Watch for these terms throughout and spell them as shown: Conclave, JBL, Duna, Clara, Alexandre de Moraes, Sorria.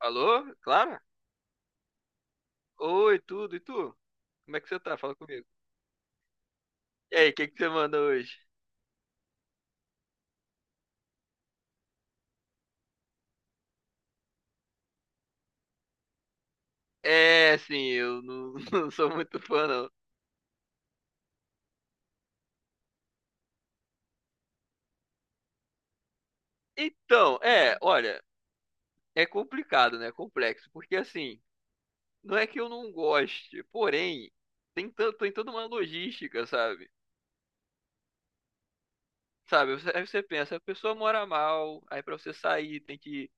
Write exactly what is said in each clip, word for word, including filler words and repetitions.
Alô, Clara? Oi, tudo, e tu? Como é que você tá? Fala comigo. E aí, o que que você manda hoje? É, sim, eu não, não sou muito fã, não. Então, é, olha, é complicado, né? É Complexo, porque assim, não é que eu não goste, porém, tem tanto, tem toda uma logística, sabe? Sabe, você- aí você pensa, a pessoa mora mal, aí pra você sair tem que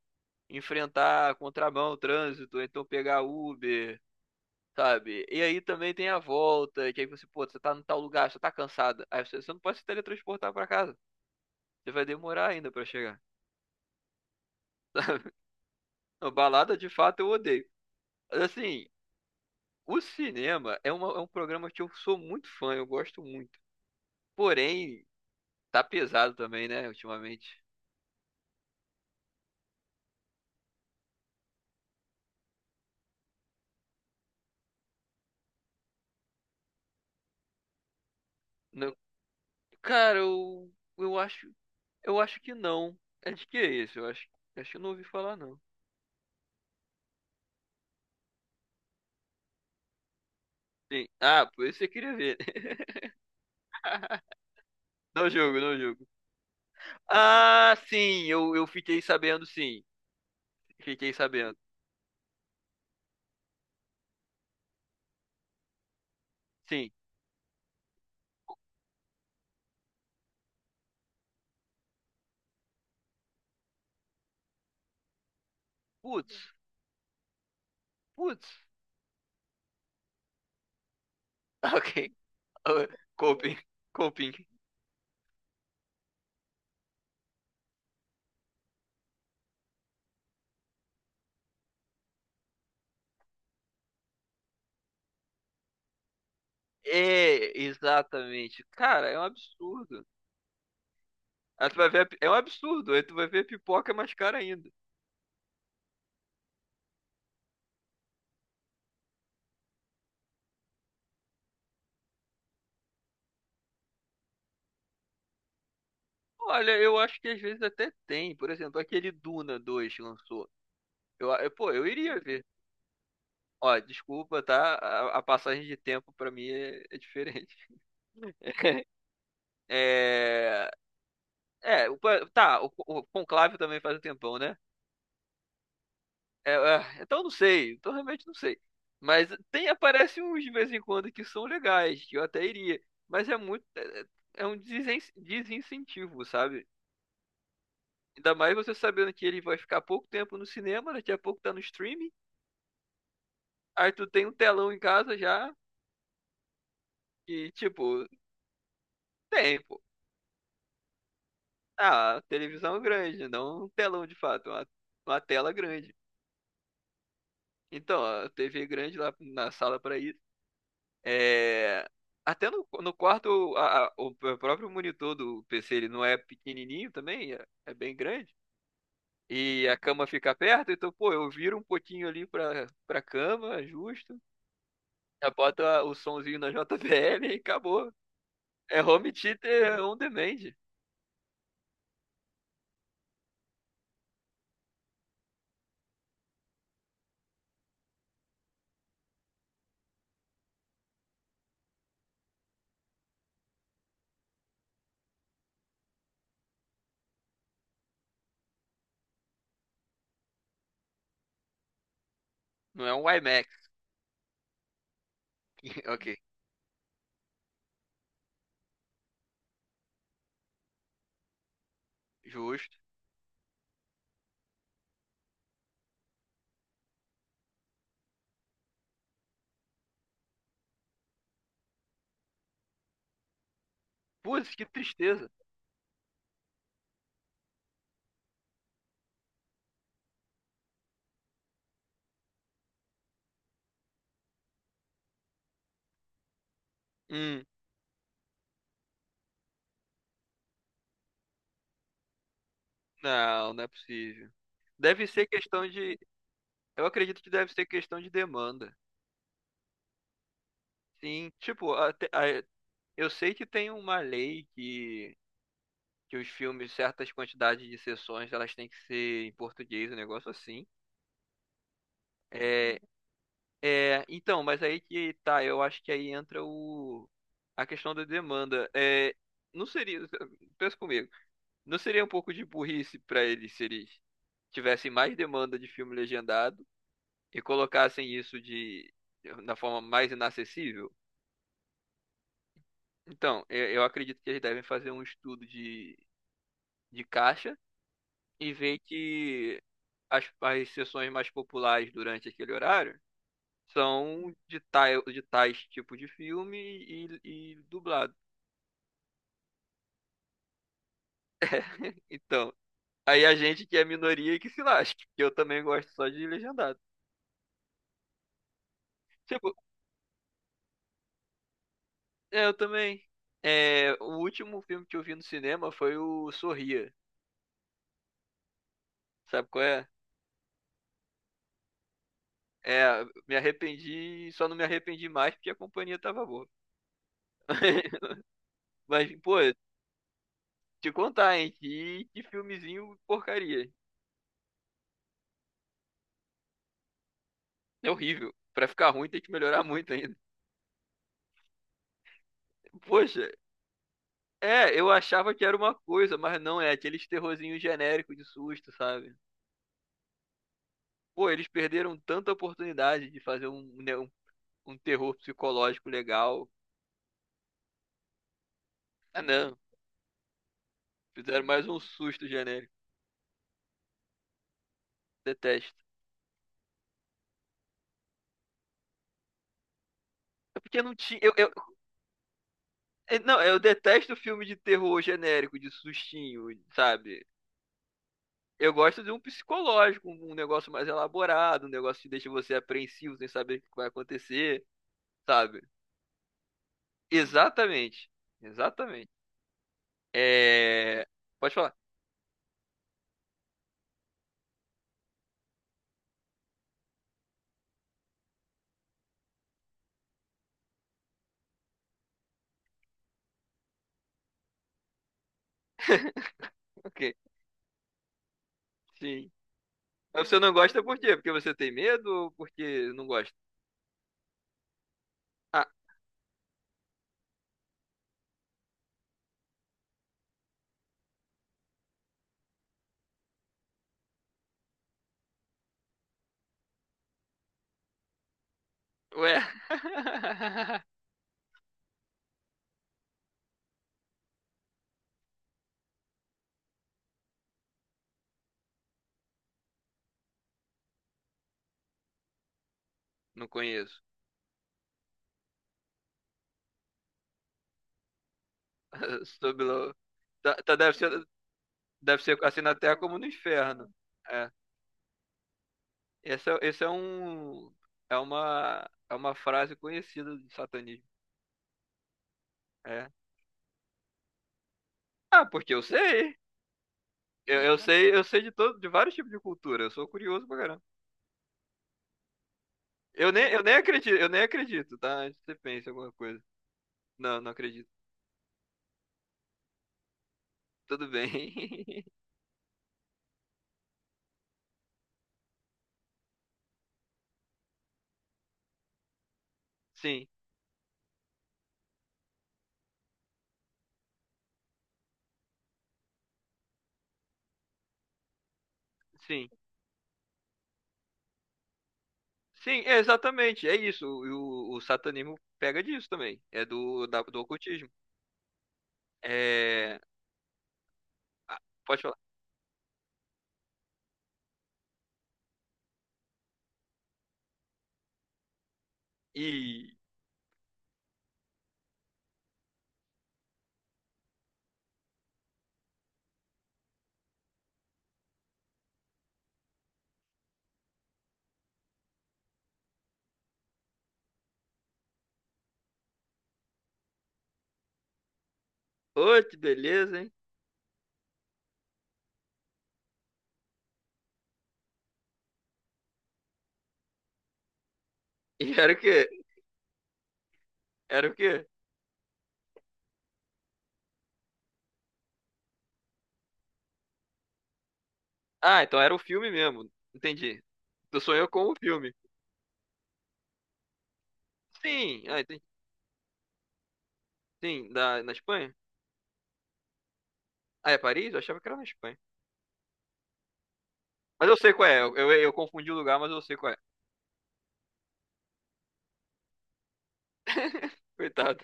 enfrentar contramão, trânsito, então pegar Uber, Sabe? E aí também tem a volta, que aí você, pô, você tá no tal lugar, você tá cansada. Aí você, você não pode se teletransportar pra casa. Você vai demorar ainda pra chegar. Não, balada de fato eu odeio. Mas assim, o cinema é, uma, é um programa que eu sou muito fã, eu gosto muito. Porém, tá pesado também, né, ultimamente. Não, cara, eu, eu acho, eu acho que não. É de que é isso? Eu acho, acho que eu não ouvi falar, não. Sim. Ah, por isso você queria ver. Não jogo, não jogo. Ah, sim, eu, eu fiquei sabendo, sim. Fiquei sabendo. Sim. Putz, putz. Ok. Ah, Coping, coping. É, exatamente. Cara, é um absurdo. Aí tu vai ver, a pi- é um absurdo. Aí tu vai ver a pipoca é mais cara ainda. Olha, eu acho que às vezes até tem. Por exemplo, aquele Duna dois que lançou. Eu, eu- pô, eu iria ver. Ó, desculpa, tá? A, a passagem de tempo pra mim é, é diferente. É. É, o pa- tá, o, o Conclave também faz um tempão, né? É, é, então não sei, então realmente não sei. Mas tem, aparece uns de vez em quando que são legais, que eu até iria. Mas é muito, é, é é um desen- desincentivo, sabe? Ainda mais você sabendo que ele vai ficar pouco tempo no cinema, daqui a pouco tá no streaming. Aí tu tem um telão em casa já, e tipo, tem, pô. Ah, televisão grande, não um telão de fato, uma, uma tela grande. Então, a T V grande lá na sala para isso. É, Até no, no, quarto, a- a- o próprio monitor do P C, ele não é pequenininho também, é, é bem grande. E a cama fica perto, então, pô, eu viro um pouquinho ali pra, pra cama, justo. Já bota o sonzinho na J B L e acabou. É home theater on demand, não é um iMac. Ok, justo. Putz, que tristeza. Hum, não, não é possível. Deve ser questão de. Eu acredito que deve ser questão de demanda. Sim, tipo, até, Eu sei que tem uma lei que, que os filmes, certas quantidades de sessões, elas têm que ser em português, um negócio assim. É, é, então, mas aí que tá, eu acho que aí entra o, a questão da demanda. É, não seria, pensa comigo, não seria um pouco de burrice para eles se eles tivessem mais demanda de filme legendado e colocassem isso de, na forma mais inacessível? Então, eu, eu acredito que eles devem fazer um estudo de, de caixa e ver que as, as sessões mais populares durante aquele horário são de, tai, de tais tipo de filme e, e dublado. Então, aí a gente que é minoria que se lasque, que eu também gosto só de legendado. Tipo, é, eu também. É, o último filme que eu vi no cinema foi o Sorria. Sabe qual é? É, me arrependi, só não me arrependi mais porque a companhia tava boa. Mas, pô, te contar, hein? Que, que filmezinho porcaria. É horrível. Pra ficar ruim tem que melhorar muito ainda. Poxa, é, eu achava que era uma coisa, mas não é aqueles terrorzinhos genéricos de susto, sabe? Pô, eles perderam tanta oportunidade de fazer um, né, um, um terror psicológico legal. Ah, não. Fizeram mais um susto genérico. Detesto. É porque não tinha. Eu, eu, é, não, eu detesto filme de terror genérico, de sustinho, sabe? Eu gosto de um psicológico, um um negócio mais elaborado, um negócio que deixa você apreensivo sem saber o que vai acontecer, sabe? Exatamente. Exatamente. É... Pode falar. Ok. Sim. Mas você não gosta por quê? Porque você tem medo ou porque não gosta? Ah, ué. Não conheço. Sob lo- Tá, tá- deve ser, Deve ser assim na Terra como no inferno. É. Esse é, esse é um. É uma, é uma frase conhecida do satanismo. É. Ah, porque eu sei. Eu, eu sei, eu sei de todo, de vários tipos de cultura. Eu sou curioso pra caramba. Eu nem, eu nem acredito, eu nem acredito, tá? Você pensa alguma coisa. Não, não acredito. Tudo bem. Sim, sim. Sim, é exatamente. É isso. O, o, o satanismo pega disso também. É do, da- do ocultismo. É. ah, Pode falar. E. Ô, que beleza, hein? E era o quê? Era o quê? Ah, então era o filme mesmo. Entendi. Tu sonhou com o filme. Sim, ah, entendi. Sim, da, na Espanha? Ah, é Paris? Eu achava que era na Espanha. Mas eu sei qual é. Eu, eu, eu confundi o lugar, mas eu sei qual é. Coitado.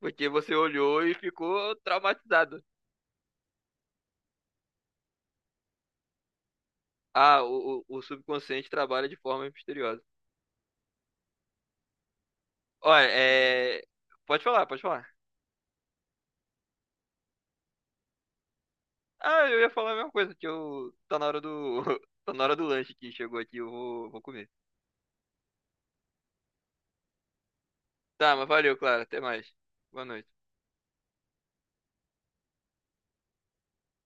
Porque você olhou e ficou traumatizado. Ah, o, o, o subconsciente trabalha de forma misteriosa. Olha, é... Pode falar, pode falar. Ah, eu ia falar a mesma coisa, que eu, tá na hora do, tá na hora do lanche que chegou aqui, eu vou, vou comer. Tá, mas valeu, Clara. Até mais. Boa noite.